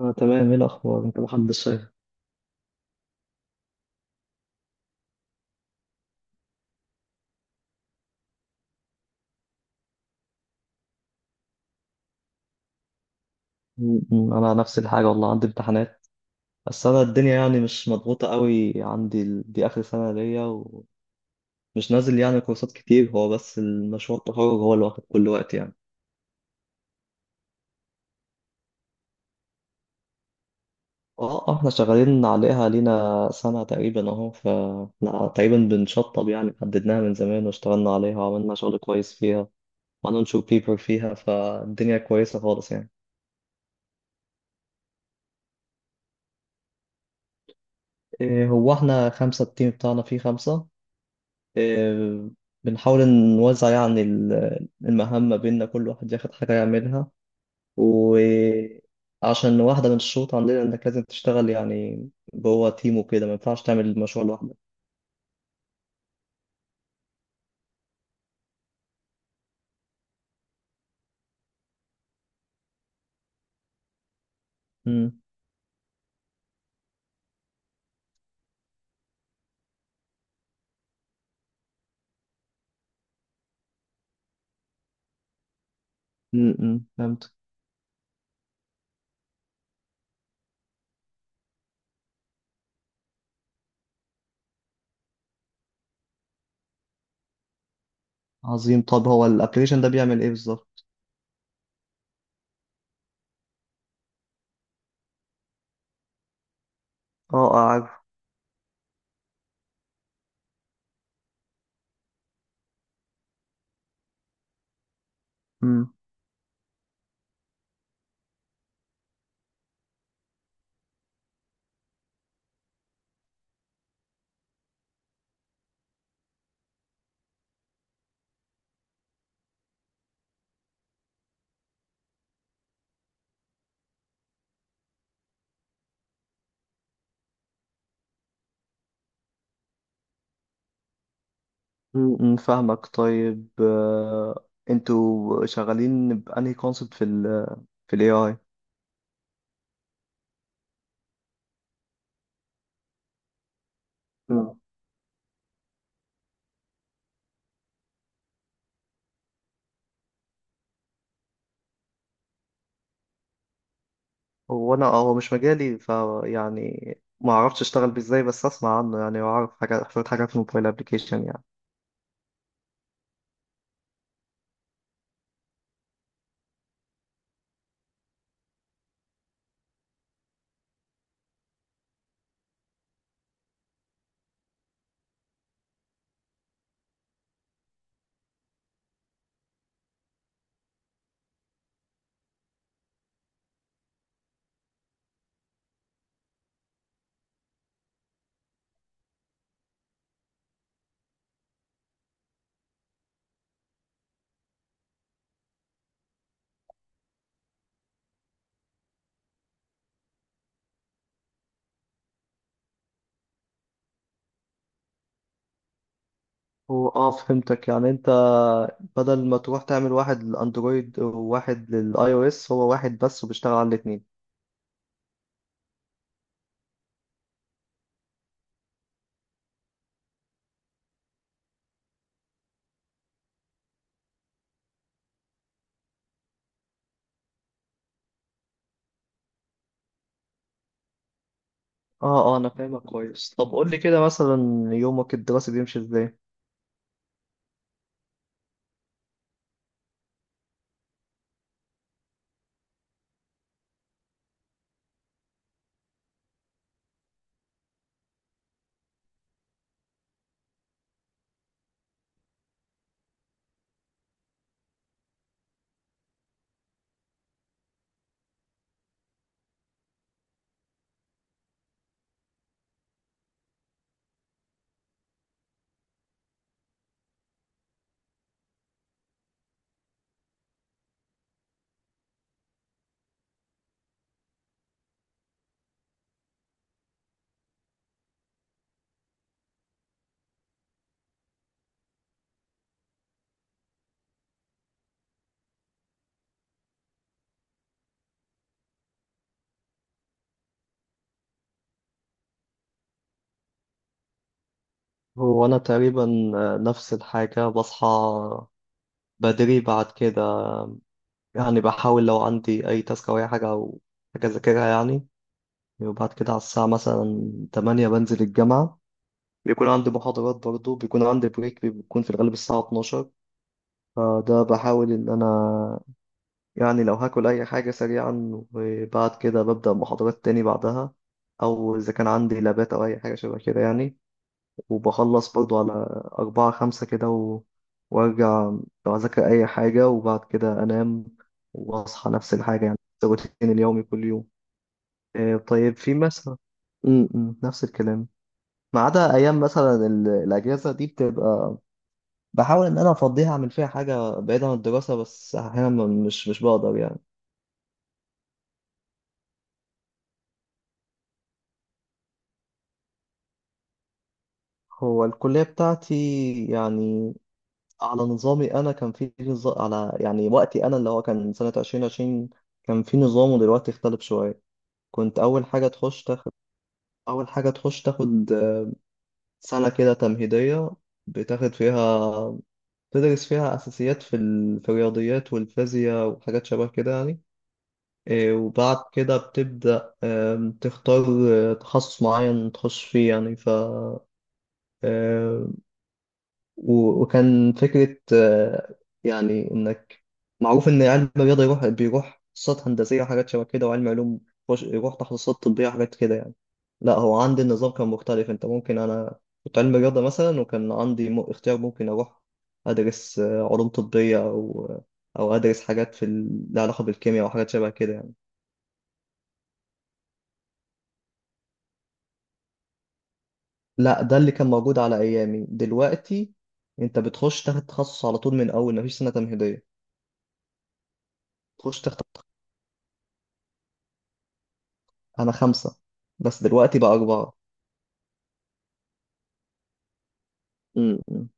اه تمام، ايه الاخبار؟ انت محمد الشايف. انا نفس الحاجه والله، عندي امتحانات بس انا الدنيا يعني مش مضغوطه قوي عندي، دي اخر سنه ليا ومش نازل يعني كورسات كتير، هو بس المشروع التخرج هو اللي واخد كل وقت يعني. اه احنا شغالين عليها لينا سنه تقريبا اهو ف لا، تقريبا بنشطب يعني، حددناها من زمان واشتغلنا عليها وعملنا شغل كويس فيها وهننشر بيبر فيها، فالدنيا كويسه خالص يعني. إيه، هو احنا خمسه، التيم بتاعنا فيه خمسه. آه، بنحاول نوزع يعني المهام ما بيننا، كل واحد ياخد حاجة يعملها، وعشان واحدة من الشروط عندنا إنك لازم تشتغل يعني جوه تيم وكده، ما ينفعش تعمل المشروع لوحدك. مم. مم، مم، فهمت. عظيم، طب هو الابلكيشن ده بيعمل إيه بالظبط؟ اه عارف. مم. مم، مم، فاهمك. طيب انتوا شغالين بأنهي كونسبت في ال في ال AI؟ هو انا هو مش مجالي فيعني، ما اعرفش اشتغل بيه ازاي بس اسمع عنه يعني، واعرف حاجات شويه حاجات في الموبايل ابلكيشن يعني. هو اه فهمتك، يعني انت بدل ما تروح تعمل واحد للاندرويد وواحد للاي او اس، هو واحد بس وبيشتغل على الاثنين. اه اه انا فاهمك كويس. طب قول لي كده مثلا، يومك الدراسي بيمشي ازاي؟ هو انا تقريبا نفس الحاجه، بصحى بدري، بعد كده يعني بحاول لو عندي اي تاسك او اي حاجه او حاجه اذاكرها يعني، وبعد كده على الساعة مثلا تمانية بنزل الجامعة، بيكون عندي محاضرات برضه، بيكون عندي بريك بيكون في الغالب الساعة 12، فده بحاول إن أنا يعني لو هاكل أي حاجة سريعا، وبعد كده ببدأ محاضرات تاني بعدها، أو إذا كان عندي لابات أو أي حاجة شبه كده يعني، وبخلص برضه على أربعة خمسة كده وأرجع لو أذاكر أي حاجة وبعد كده أنام، وأصحى نفس الحاجة يعني، روتين اليومي كل يوم. طيب في مثلا م- م، نفس الكلام، ما عدا ايام مثلا الاجازه دي بتبقى بحاول ان انا افضيها اعمل فيها حاجه بعيده عن الدراسه، بس احيانا مش بقدر يعني. هو الكليه بتاعتي يعني على نظامي انا، كان في نظام على يعني وقتي انا، اللي هو كان سنه 2020، كان في نظام ودلوقتي اختلف شويه. كنت اول حاجه تخش تاخد اول حاجه تخش تاخد سنه كده تمهيديه، بتاخد فيها تدرس فيها اساسيات في في الرياضيات والفيزياء وحاجات شبه كده يعني. إيه، وبعد كده بتبدأ تختار تخصص معين تخش فيه يعني ف آه، وكان فكرة يعني إنك معروف إن علم الرياضة يروح تخصصات هندسية وحاجات شبه كده، وعلم علوم يروح تخصصات طبية وحاجات كده يعني. لا، هو عندي النظام كان مختلف، أنت ممكن، أنا كنت علم رياضة مثلا وكان عندي اختيار ممكن أروح أدرس علوم طبية أو أو أدرس حاجات في لها علاقة بالكيمياء وحاجات شبه كده يعني. لا، ده اللي كان موجود على ايامي، دلوقتي انت بتخش تاخد تخصص على طول من اول، مفيش سنه تمهيديه تخش تاخد. انا خمسه، بس دلوقتي بقى اربعه. م- م.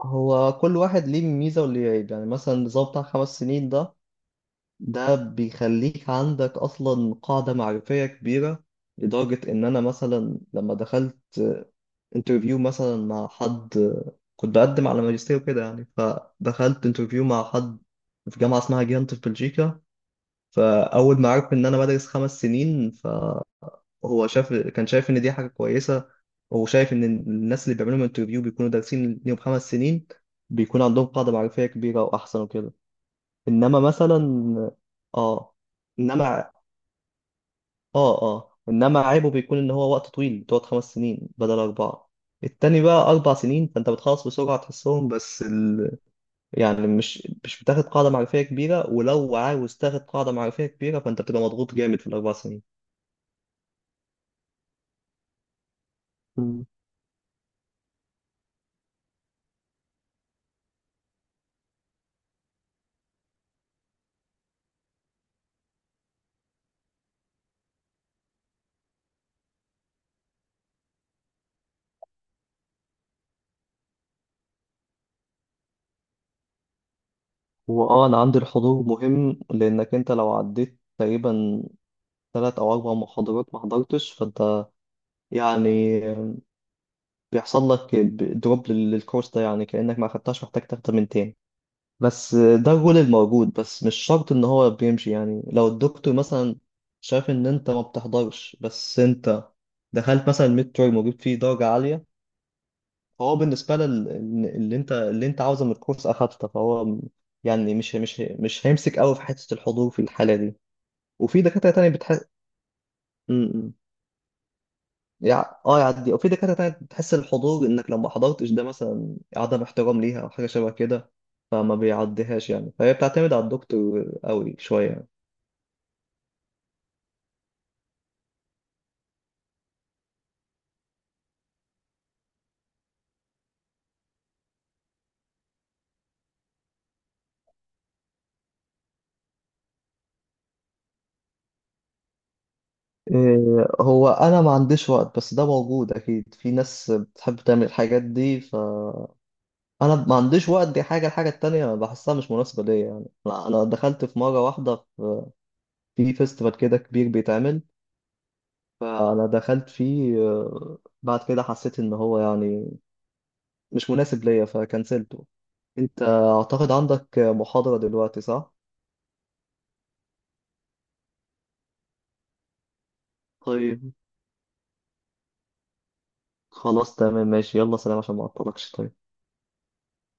هو كل واحد ليه ميزه وليه عيب، يعني مثلا النظام بتاع خمس سنين ده، ده بيخليك عندك اصلا قاعده معرفيه كبيره، لدرجه ان انا مثلا لما دخلت انترفيو مثلا مع حد، كنت بقدم على ماجستير كده يعني، فدخلت انترفيو مع حد في جامعه اسمها جيانت في بلجيكا، فأول ما عرف إن أنا بدرس خمس سنين، فهو كان شايف إن دي حاجة كويسة، هو شايف إن الناس اللي بيعملوا انترفيو بيكونوا دارسين ليهم خمس سنين، بيكون عندهم قاعدة معرفية كبيرة وأحسن وكده. إنما مثلا آه إنما آه إنما عيبه بيكون إن هو وقت طويل، تقعد خمس سنين بدل أربعة. التاني بقى أربع سنين فأنت بتخلص بسرعة، تحسهم بس يعني مش بتاخد قاعدة معرفية كبيرة، ولو عاوز تاخد قاعدة معرفية كبيرة فأنت بتبقى مضغوط جامد في الأربع سنين. مم. واه انا عندي الحضور مهم، لانك انت لو عديت تقريبا ثلاث او اربع محاضرات ما حضرتش، فانت يعني بيحصل لك دروب للكورس ده، يعني كانك ما خدتهاش، محتاج تاخدها من تاني. بس ده الرول الموجود، بس مش شرط ان هو بيمشي، يعني لو الدكتور مثلا شاف ان انت ما بتحضرش، بس انت دخلت مثلا الميد تيرم وجبت فيه درجة عالية، فهو بالنسبة لل اللي انت عاوزه من الكورس اخدته، فهو يعني مش هيمسك قوي في حتة الحضور في الحالة دي. وفي دكاترة تانية بتحس، يعني اه يعدي، وفي دكاترة تانية بتحس الحضور انك لو ما حضرتش ده مثلا عدم احترام ليها او حاجة شبه كده، فما بيعديهاش يعني، فهي بتعتمد على الدكتور قوي شوية يعني. إيه، هو انا ما عنديش وقت، بس ده موجود اكيد، في ناس بتحب تعمل الحاجات دي. انا ما عنديش وقت، دي حاجه، الحاجه التانية بحسها مش مناسبه ليا يعني، انا دخلت في مره واحده في فيستيفال كده كبير بيتعمل، فانا دخلت فيه بعد كده حسيت ان هو يعني مش مناسب ليا فكنسلته. انت اعتقد عندك محاضره دلوقتي صح؟ طيب، خلاص تمام ماشي يلا سلام، عشان ما اعطلكش طيب.